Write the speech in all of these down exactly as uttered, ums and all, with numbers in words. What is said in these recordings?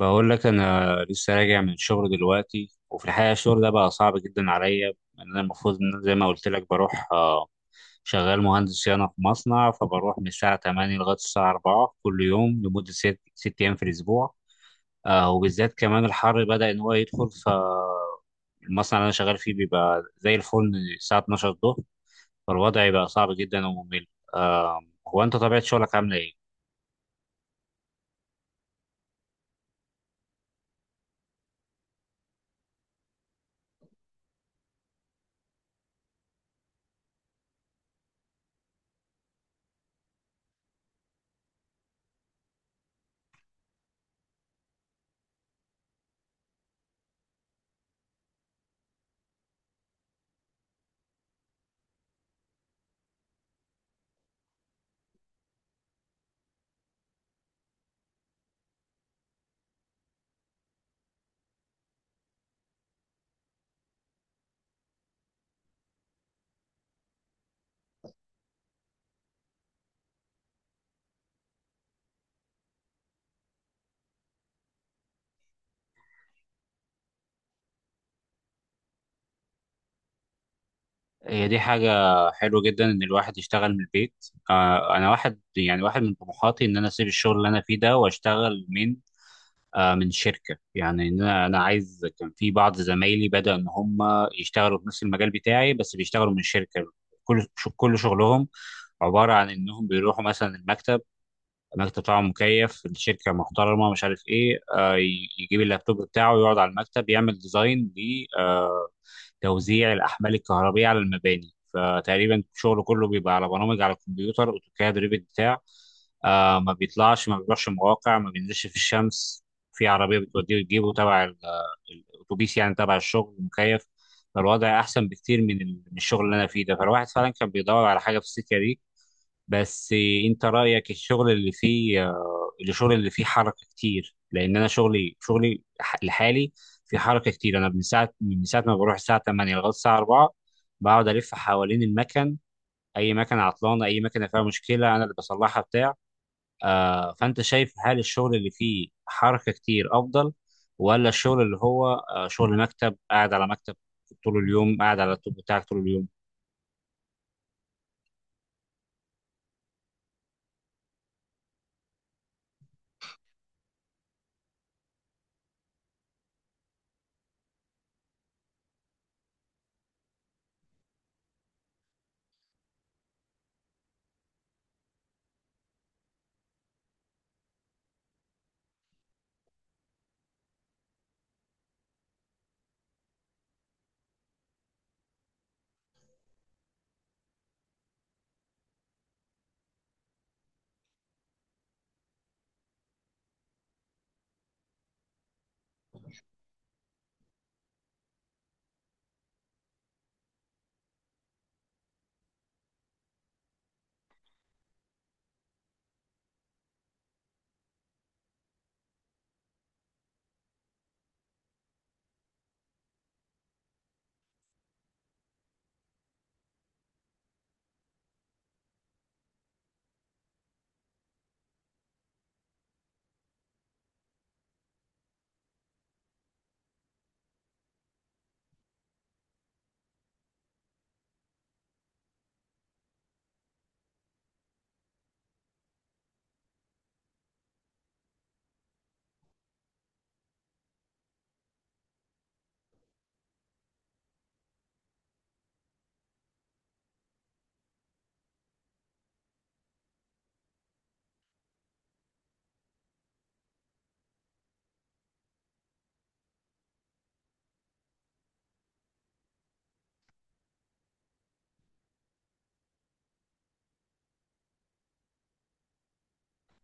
بقول لك انا لسه راجع من الشغل دلوقتي وفي الحقيقه الشغل ده بقى صعب جدا عليا لأن انا المفروض ان أنا زي ما قلت لك بروح آه، شغال مهندس صيانه في مصنع. فبروح من الساعه تمانية لغايه الساعه اربعة كل يوم لمده ست ست ايام في الاسبوع. آه، وبالذات كمان الحر بدا ان هو يدخل فالمصنع اللي انا شغال فيه بيبقى زي الفل الساعه اثنا عشر الظهر. فالوضع بقى صعب جدا وممل آه، هو انت طبيعه شغلك عامله ايه؟ هي دي حاجة حلوة جدا إن الواحد يشتغل من البيت. آه أنا واحد يعني واحد من طموحاتي إن أنا أسيب الشغل اللي أنا فيه ده وأشتغل من آه من شركة. يعني إن أنا أنا عايز، كان في بعض زمايلي بدأ إن هم يشتغلوا في نفس المجال بتاعي بس بيشتغلوا من شركة. كل ش- كل شغلهم عبارة عن إنهم بيروحوا مثلا المكتب. المكتب طبعا مكيف، الشركة محترمة، مش عارف إيه، آه ي- يجيب اللابتوب بتاعه يقعد على المكتب يعمل ديزاين توزيع الأحمال الكهربية على المباني. فتقريبا شغله كله بيبقى على برامج على الكمبيوتر، أوتوكاد ريفت بتاع. آه ما بيطلعش، ما بيروحش مواقع، ما بينزلش في الشمس، في عربية بتوديه وتجيبه، تبع ال- الأتوبيس يعني، تبع الشغل مكيف. فالوضع أحسن بكتير من ال- من الشغل اللي أنا فيه ده. فالواحد فعلا كان بيدور على حاجة في السكة دي. بس انت رايك الشغل اللي فيه آه، الشغل اللي فيه حركه كتير؟ لان انا شغلي شغلي ح- لحالي في حركه كتير. انا من ساعه من ساعه ما بروح الساعه تمانية لغايه الساعه اربعة بقعد الف حوالين المكن. اي مكنه عطلانه، اي مكنه فيها مشكله، انا اللي بصلحها بتاع. آه فانت شايف هل الشغل اللي فيه حركه كتير افضل، ولا الشغل اللي هو آه شغل مكتب، قاعد على مكتب طول اليوم، قاعد على اللابتوب بتاعك طول اليوم؟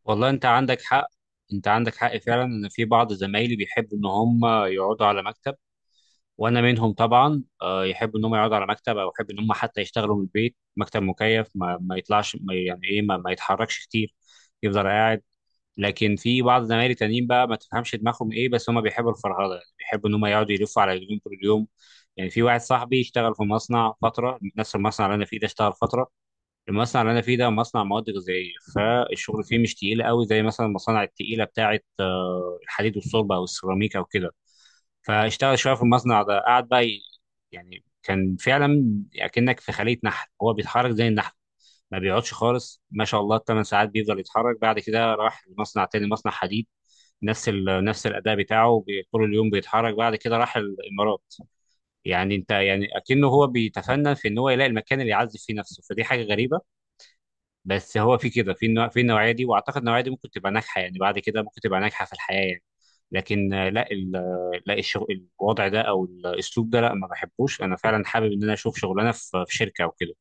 والله انت عندك حق. انت عندك حق فعلا، ان في بعض زمايلي بيحبوا ان هم يقعدوا على مكتب، وانا منهم طبعا. آه، يحبوا ان هم يقعدوا على مكتب او يحبوا ان هم حتى يشتغلوا من البيت، مكتب مكيف، ما, ما يطلعش، ما يعني ايه، ما, ما يتحركش كتير، يفضل قاعد. لكن في بعض زمايلي تانيين بقى ما تفهمش دماغهم ايه، بس هم بيحبوا الفرهده، يعني بيحبوا ان هم يقعدوا يلفوا على رجلهم طول اليوم. يعني في واحد صاحبي اشتغل في مصنع فتره، نفس المصنع اللي انا فيه ده اشتغل فتره. المصنع اللي انا فيه ده مصنع مواد غذائيه، فالشغل فيه مش تقيل قوي زي مثلا المصانع التقيله بتاعه آه، الحديد والصلب او السيراميك او كده. فاشتغل شويه في المصنع ده، قعد بقى ي- يعني كان فعلا اكنك في خليه نحل. هو بيتحرك زي النحل، ما بيقعدش خالص، ما شاء الله، الثمان ساعات بيفضل يتحرك. بعد كده راح لمصنع تاني، مصنع حديد، نفس ال... نفس الاداء بتاعه، بي- طول اليوم بيتحرك. بعد كده راح الامارات. يعني انت يعني اكنه هو بيتفنن في ان هو يلاقي المكان اللي يعزف فيه نفسه، فدي حاجه غريبه. بس هو في كده، في النوع في النوعيه دي، واعتقد النوعيه دي ممكن تبقى ناجحه يعني، بعد كده ممكن تبقى ناجحه في الحياه يعني. لكن آه، لا، ال- آه، لا الشغل الوضع ده او الاسلوب ده، لا، ما بحبوش. انا فعلا حابب ان انا اشوف شغلانه في في شركه او كده.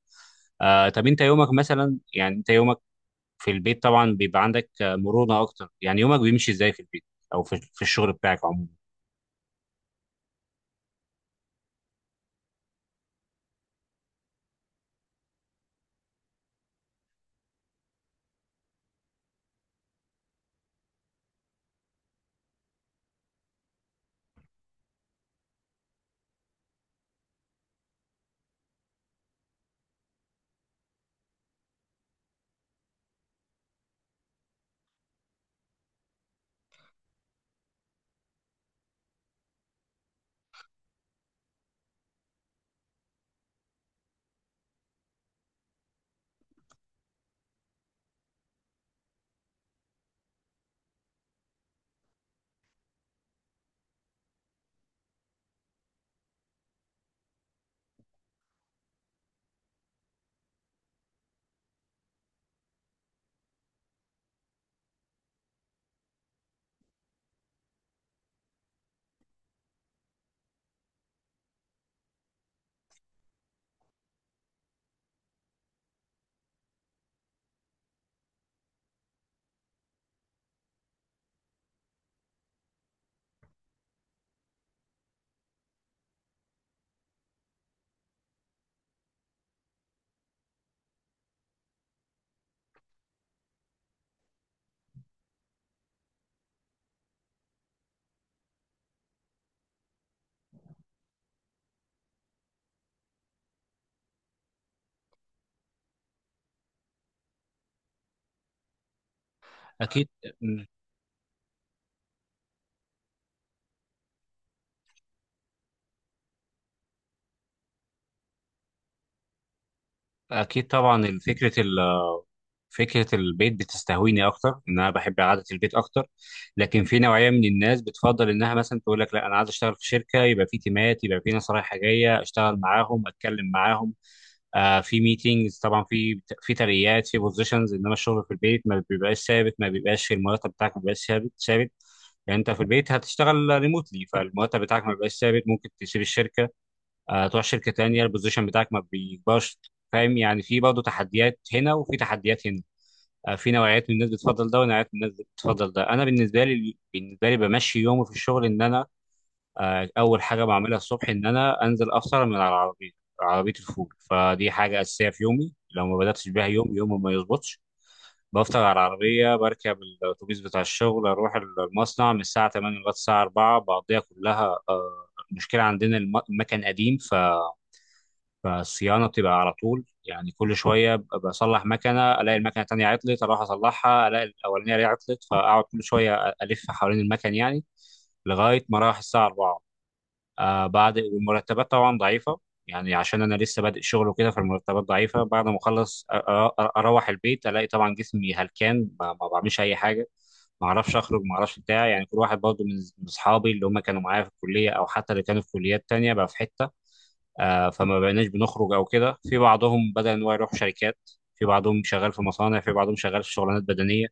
آه طب انت يومك مثلا، يعني انت يومك في البيت طبعا بيبقى عندك آه، مرونه اكتر، يعني يومك بيمشي ازاي في البيت او في في الشغل بتاعك عموما؟ اكيد. اكيد طبعا. فكره فكرة البيت بتستهويني أكتر، إن أنا بحب قعدة البيت أكتر. لكن في نوعية من الناس بتفضل إنها مثلا تقول لك لا، أنا عايز أشتغل في شركة، يبقى في تيمات، يبقى في ناس رايحة جاية، أشتغل معاهم، أتكلم معاهم، آه في ميتينجز طبعا، في في ترقيات، في بوزيشنز. إنما الشغل في البيت ما بيبقاش ثابت، ما بيبقاش في المرتب بتاعك ما بيبقاش ثابت ثابت. يعني انت في البيت هتشتغل ريموتلي، فالمرتب بتاعك ما بيبقاش ثابت، ممكن تسيب الشركه آه تروح شركه تانيه، البوزيشن بتاعك ما بيكبرش. فاهم، يعني في برضه تحديات هنا وفي تحديات هنا. آه، في نوعيات من الناس بتفضل ده، ونوعيات من الناس بتفضل ده. انا بالنسبه لي بالنسبه لي بمشي يومي في الشغل ان انا آه، اول حاجه بعملها الصبح ان انا انزل افطر من على العربيه، عربيه الفول. فدي حاجه اساسيه في يومي، لو ما بداتش بيها يوم يوم ما يظبطش. بفطر على العربيه، بركب الاتوبيس بتاع الشغل، اروح المصنع من الساعه تمانية لغايه الساعه اربعة بقضيها كلها. آه، المشكله عندنا الم- المكن قديم، فالصيانه بتبقى على طول، يعني كل شويه ب- بصلح مكنه، الاقي المكنه التانيه عطلت، اروح اصلحها، الاقي الاولانيه اللي عطلت، فاقعد كل شويه أ- الف حوالين المكن يعني لغايه ما راح الساعه الرابعة. آه بعد، والمرتبات طبعا ضعيفه، يعني عشان انا لسه بادئ شغل وكده، فالمرتبات ضعيفه. بعد ما اخلص أ- أ- اروح البيت الاقي طبعا جسمي هلكان، ما ما بعملش اي حاجه، ما اعرفش اخرج، ما اعرفش بتاع. يعني كل واحد برضه من من اصحابي اللي هم كانوا معايا في الكليه او حتى اللي كانوا في كليات تانيه بقى في حته. آه، فما بقيناش بنخرج او كده. في بعضهم بدأ ان هو يروح شركات، في بعضهم شغال في مصانع، في بعضهم شغال في شغلانات بدنية،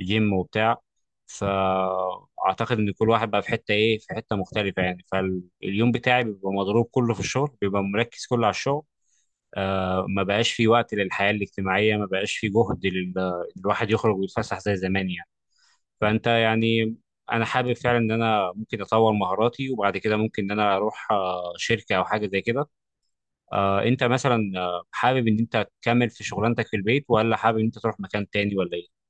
جيم وبتاع. فاعتقد ان كل واحد بقى في حتة ايه، في حتة مختلفة يعني. فاليوم بتاعي بيبقى مضروب كله في الشغل، بيبقى مركز كله على الشغل. آه ما بقاش في وقت للحياة الاجتماعية، ما بقاش في جهد لل- الواحد يخرج ويتفسح زي زمان يعني. فانت يعني انا حابب فعلا ان انا ممكن اطور مهاراتي وبعد كده ممكن ان انا اروح آه، شركة او حاجة زي كده. آه انت مثلا آه، حابب ان انت تكمل في شغلانتك في البيت، ولا حابب ان انت تروح مكان تاني، ولا ايه؟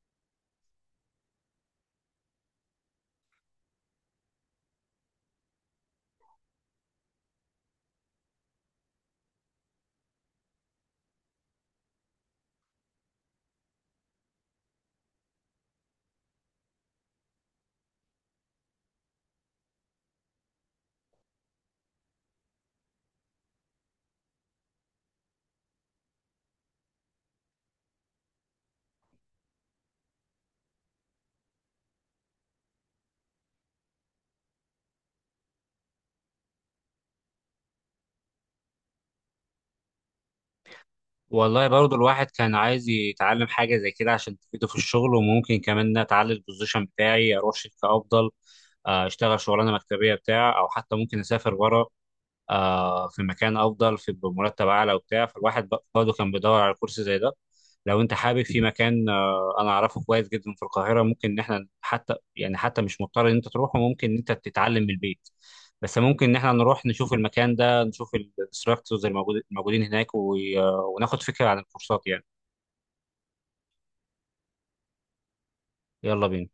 والله برضو الواحد كان عايز يتعلم حاجة زي كده عشان تفيده في الشغل، وممكن كمان إن أنا أتعلم البوزيشن بتاعي أروح شركة أفضل، آه، أشتغل شغلانة مكتبية بتاع، أو حتى ممكن أسافر بره آه في مكان افضل، في بمرتب اعلى وبتاع. فالواحد ب- برضه كان بيدور على كورس زي ده. لو انت حابب، في مكان آه انا اعرفه كويس جدا في القاهره، ممكن ان احنا حتى يعني حتى مش مضطر ان انت تروحه، ممكن ان انت تتعلم من البيت. بس ممكن ان احنا نروح نشوف المكان ده، نشوف الانستراكتورز الموجود- الموجودين هناك و- آه، وناخد فكره عن الكورسات يعني. يلا بينا.